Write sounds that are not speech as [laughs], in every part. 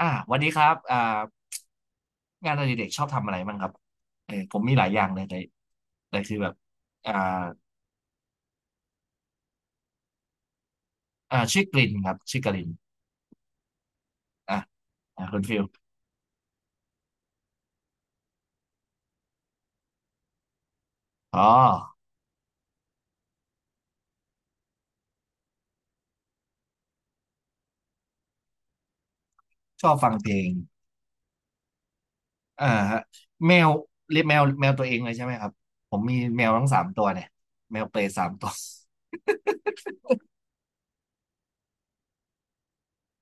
อ่าวันนี้ครับอ่างานอดิเรกชอบทำอะไรบ้างครับผมมีหลายอย่างเลยแต่แต่คือแบบอ่าอ่าชื่อกลินครับชื่อกลินอ่ะอ่าคุณฟิลอ๋อชอบฟังเพลงอ่าฮะแมวเลี้ยงแมวแมวตัวเองเลยใช่ไหมครับผมมีแมวทั้งสามตัวเนี่ยแมวเปรย์สามตัว [laughs]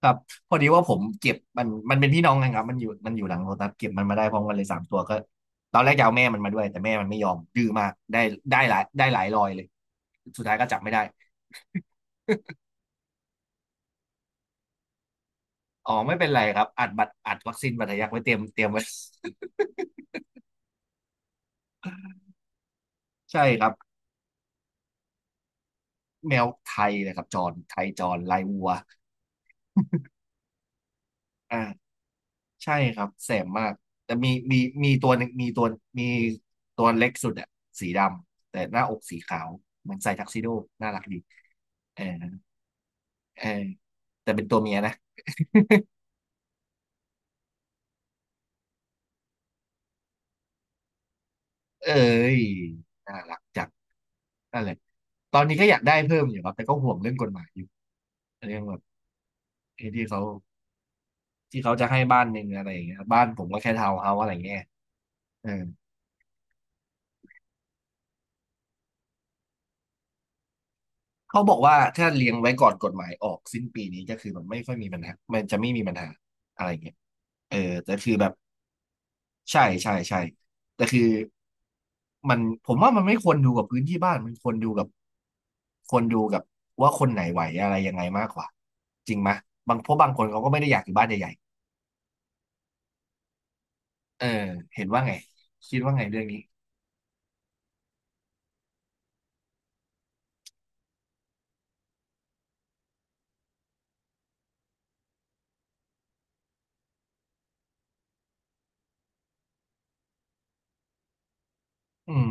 ครับพอดีว่าผมเก็บมันเป็นพี่น้องกันครับมันอยู่หลังรถนะเก็บมันมาได้พร้อมกันเลยสามตัวก็ตอนแรกจะเอาแม่มันมาด้วยแต่แม่มันไม่ยอมดื้อมากได้ได้หลายได้หลายรอยเลยสุดท้ายก็จับไม่ได้ อ๋อไม่เป็นไรครับอัดบัตรอัดวัคซีนบัตรทะยักไว้เตรียมไว้ [laughs] ใช่ครับแมวไทยนะครับจรไทยจรลายวัวอ่าใช่ครับแสบมากแต่มีมีตัวหนึ่งมีตัวมีตัวเล็กสุดอะสีดำแต่หน้าอกสีขาวเหมอนใส่ทักซิโดน่ารักดีเออเออแต่เป็นตัวเมียนะเอ้ยน่ารักจังนั่นแหละตอนนี้ก็อยากได้เพิ่มอยู่ครับแต่ก็ห่วงเรื่องกฎหมายอยู่เรื่องแบบไอ้ที่เขาที่เขาจะให้บ้านหนึ่งอะไรอย่างเงี้ยบ้านผมก็แค่ทาวน์เฮาส์อะไรเงี้ย เออเขาบอกว่าถ้าเลี้ยงไว้ก่อนกฎหมายออกสิ้นปีนี้ก็คือมันไม่ค่อยมีปัญหามันจะไม่มีปัญหาอะไรเงี้ยเออแต่คือแบบใช่ใช่ใช่แต่คือมันผมว่ามันไม่ควรดูกับพื้นที่บ้านมันควรดูกับควรดูกับว่าคนไหนไหวอะไรยังไงมากกว่าจริงไหมยบางเพราะบางคนเขาก็ไม่ได้อยากอยู่บ้านใหญ่ๆเออเห็นว่าไงคิดว่าไงเรื่องนี้อืม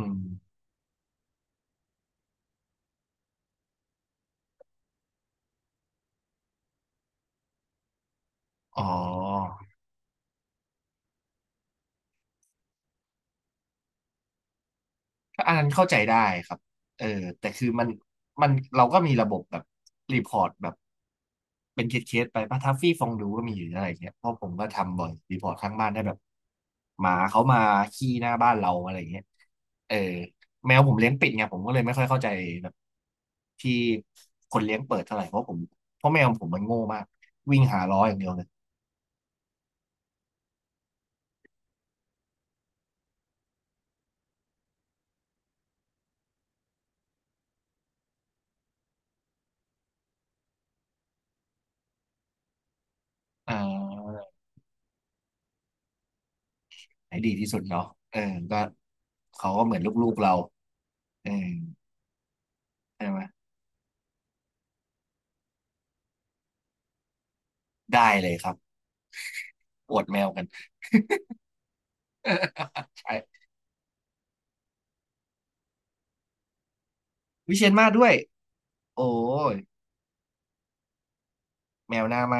อ๋อ ก็อันนั้นเข้าใจได้ครับเออแต่คือมันเราก็มีระบบแบบรีพอร์ตแบบเป็นเคสไปป่ะทัฟฟี่ฟองดูก็มีอยู่อะไรเงี้ยเพราะผมก็ทำบ่อยรีพอร์ตข้างบ้านได้แบบหมาเขามาขี้หน้าบ้านเราอะไรเงี้ยเออแมวผมเลี้ยงปิดไงผมก็เลยไม่ค่อยเข้าใจแบบที่คนเลี้ยงเปิดเท่าไหร่เพราะผมเพราะแมวผมมันโง่มากวิ่งหาล้ออย่างเดียวเลยอ่าไหนดีที่สุดเนาะเออก็เขาก็เหมือนลูกๆเราเออใช่ไหม ได้เลยครับอวดแมวกัน [laughs] ใช่วิเชียรมาศด้วยโอ้ยแมวหน้าไหม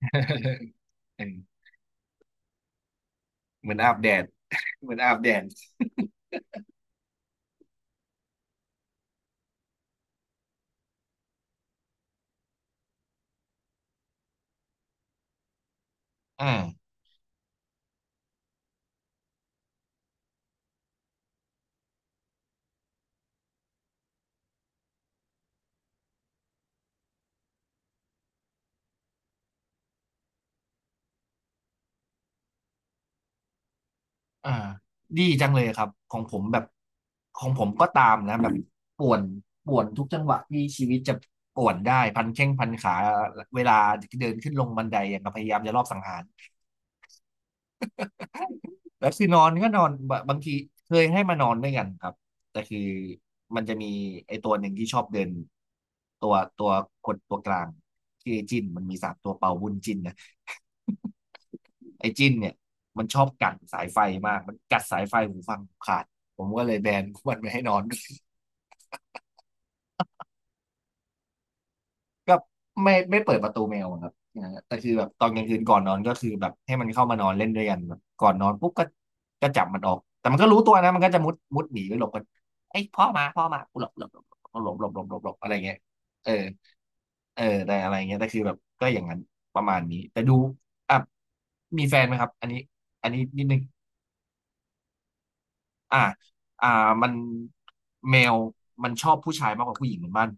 [laughs] เออเหมือนอาบแดดเหมือนอาบแดดอ่าอ่าดีจังเลยครับของผมแบบของผมก็ตามนะแบบป่วนป่วนทุกจังหวะที่ชีวิตจะป่วนได้พันแข้งพันขาเวลาเดินขึ้นลงบันไดอย่างกับพยายามจะรอบสังหาร แล้วคือนอนก็นอนบบางทีเคยให้มานอนด้วยกันครับแต่คือมันจะมีไอ้ตัวหนึ่งที่ชอบเดินตัวคนตัวกลางที่อไอ้จิ้นมันมีสามตัวเป่าบุญจิ้นนะ [laughs] ไอ้จิ้นเนี่ยมันชอบกัดสายไฟมากมันกัดสายไฟหูฟังผมขาดผมก็เลยแบนมันไม่ให้นอนด้วย ก็ไม่เปิดประตูแมวอะครับอ่าแต่คือแบบตอนกลางคืนก่อนนอนก็คือแบบให้มันเข้ามานอนเล่นด้วยกันแบบก่อนนอนปุ๊บก็ก็จับมันออก แต่มันก็รู้ตัวนะมันก็จะมุดหนีไปหลบกันไอ้ยพ่อมากูหลบหลบหลบหลบหลบหลบหลบหลบอะไรเงี้ยเออเออแต่อะไรเงี้ยแต่คือแบบก็อย่างนั้นประมาณนี้ แต่ดูอ่ะมีแฟนไหมครับอันนี้อันนี้นิดนึงอ่าอ่ามันแมวมันชอบผู้ชายมากกว่าผู้หญิงเหมือนบ้าน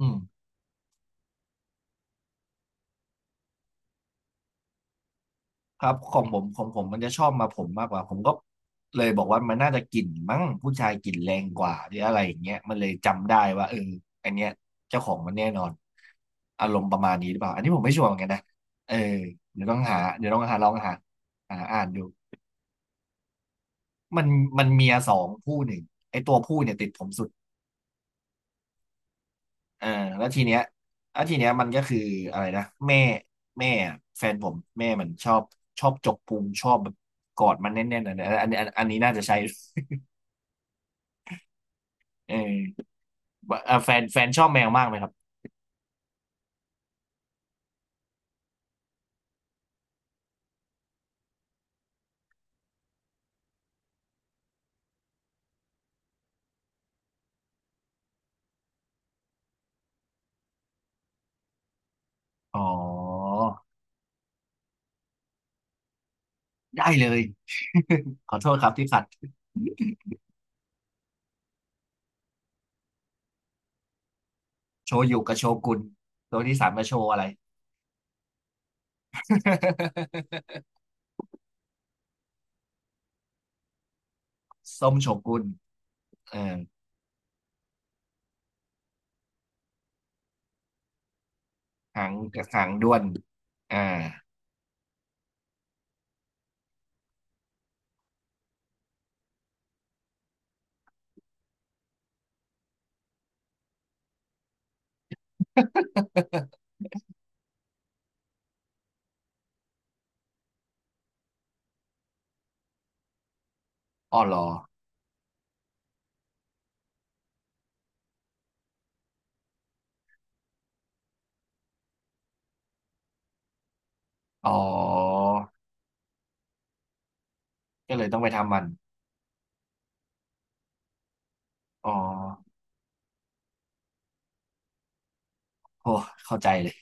อืม ครับของผมของผมมันจะชอบมาผมมากกว่าผมก็เลยบอกว่ามันน่าจะกลิ่นมั้งผู้ชายกลิ่นแรงกว่าหรืออะไรอย่างเงี้ยมันเลยจำได้ว่าเอออันเนี้ยเจ้าของมันแน่นอนอารมณ์ประมาณนี้หรือเปล่าอันนี้ผมไม่ชัวร์เหมือนกันนะเออเดี๋ยวต้องหาเดี๋ยวต้องหาลองหาหาอ่านดูมันมันเมียสองผู้หนึ่งไอ้ตัวผู้เนี่ยติดผมสุดเออแล้วทีเนี้ยแล้วทีเนี้ยมันก็คืออะไรนะแม่แม่แฟนผมแม่มันชอบจกพุงชอบแบบกอดมันแน่นๆอันอันอันอันนี้น่าจะใช้ เออแฟนชอบแมวมากไหมครับ อ๋อได้เลย [laughs] ขอโทษครับที่ขัดโชยุกับโชกุนตัวที่สามมาโชว์อะไร [laughs] ส้มโชกุนเออหางหางด้วนอ่าอ้อเหรออ๋อก็เลยต้องไปทำมันอ๋อโอ้เข้าใจเลย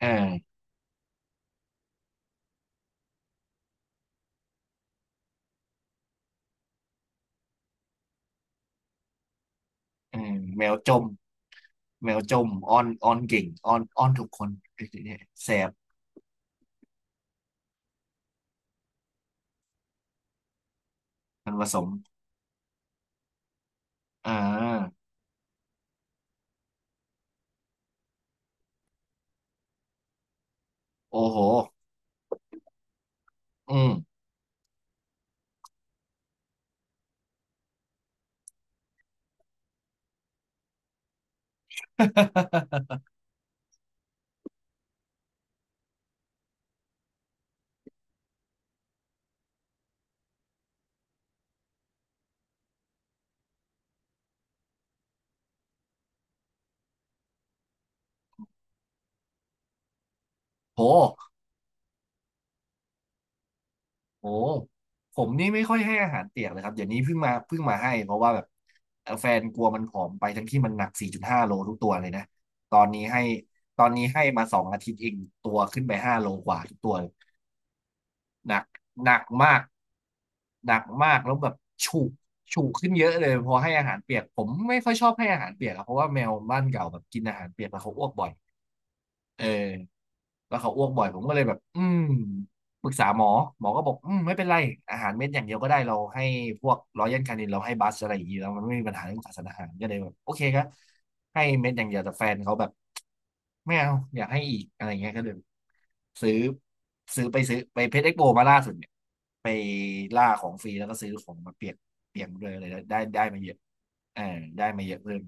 [laughs] เออเออแมวจมแมวจมอ้อนอ้อนเก่งอ้อนอ้อนทุกคนไอ้เนี่ยแสบมันผสมอ่า โอ้โห อืมโหโหผมนี่ไม่ค่อยให้อาหารเปียกเลยครับ เดี๋ยวนี้เพิ่งมาให้เพราะว่าแบบเอ่อแฟนกลัวมันผอมไปทั้งที่มันหนัก 4.5โลทุกตัวเลยนะ ตอนนี้ให้ตอนนี้ให้มาสองอาทิตย์เองตัวขึ้นไป5โลกว่าทุกตัวเลยหนักหนักมากหนักมากแล้วแบบฉุกฉุกขึ้นเยอะเลยพอให้อาหารเปียกผมไม่ค่อยชอบให้อาหารเปียกอะเพราะว่าแมวบ้านเก่าแบบกินอาหารเปียกแล้วเขาอ้วกบ่อย เออแล้วเขาอ้วกบ่อยผมก็เลยแบบอืมปรึกษาหมอหมอก็บอกอืมไม่เป็นไรอาหารเม็ดอย่างเดียวก็ได้เราให้พวกรอยัลคานินเราให้บัสอะไรอย่างนี้แล้วมันไม่มีปัญหาเรื่องขาดสารอาหารก็เลยแบบโอเคครับให้เม็ดอย่างเดียวแต่แฟนเขาแบบไม่เอาอยากให้อีกอะไรเงี้ยก็เลยซื้อซื้อไปเพชรเอ็กโปมาล่าสุดเนี่ยไปล่าของฟรีแล้วก็ซื้อของมาเปียกเลยอะไรได้ได้ได้มาเยอะเออได้มาเยอะเพิ่ม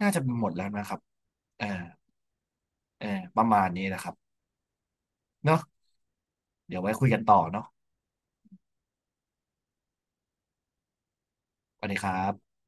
น่าจะหมดแล้วนะครับเออเออประมาณนี้นะครับเนาะ เดี๋ยวไว้คุยกันต่อเนาะสวัสดีครับ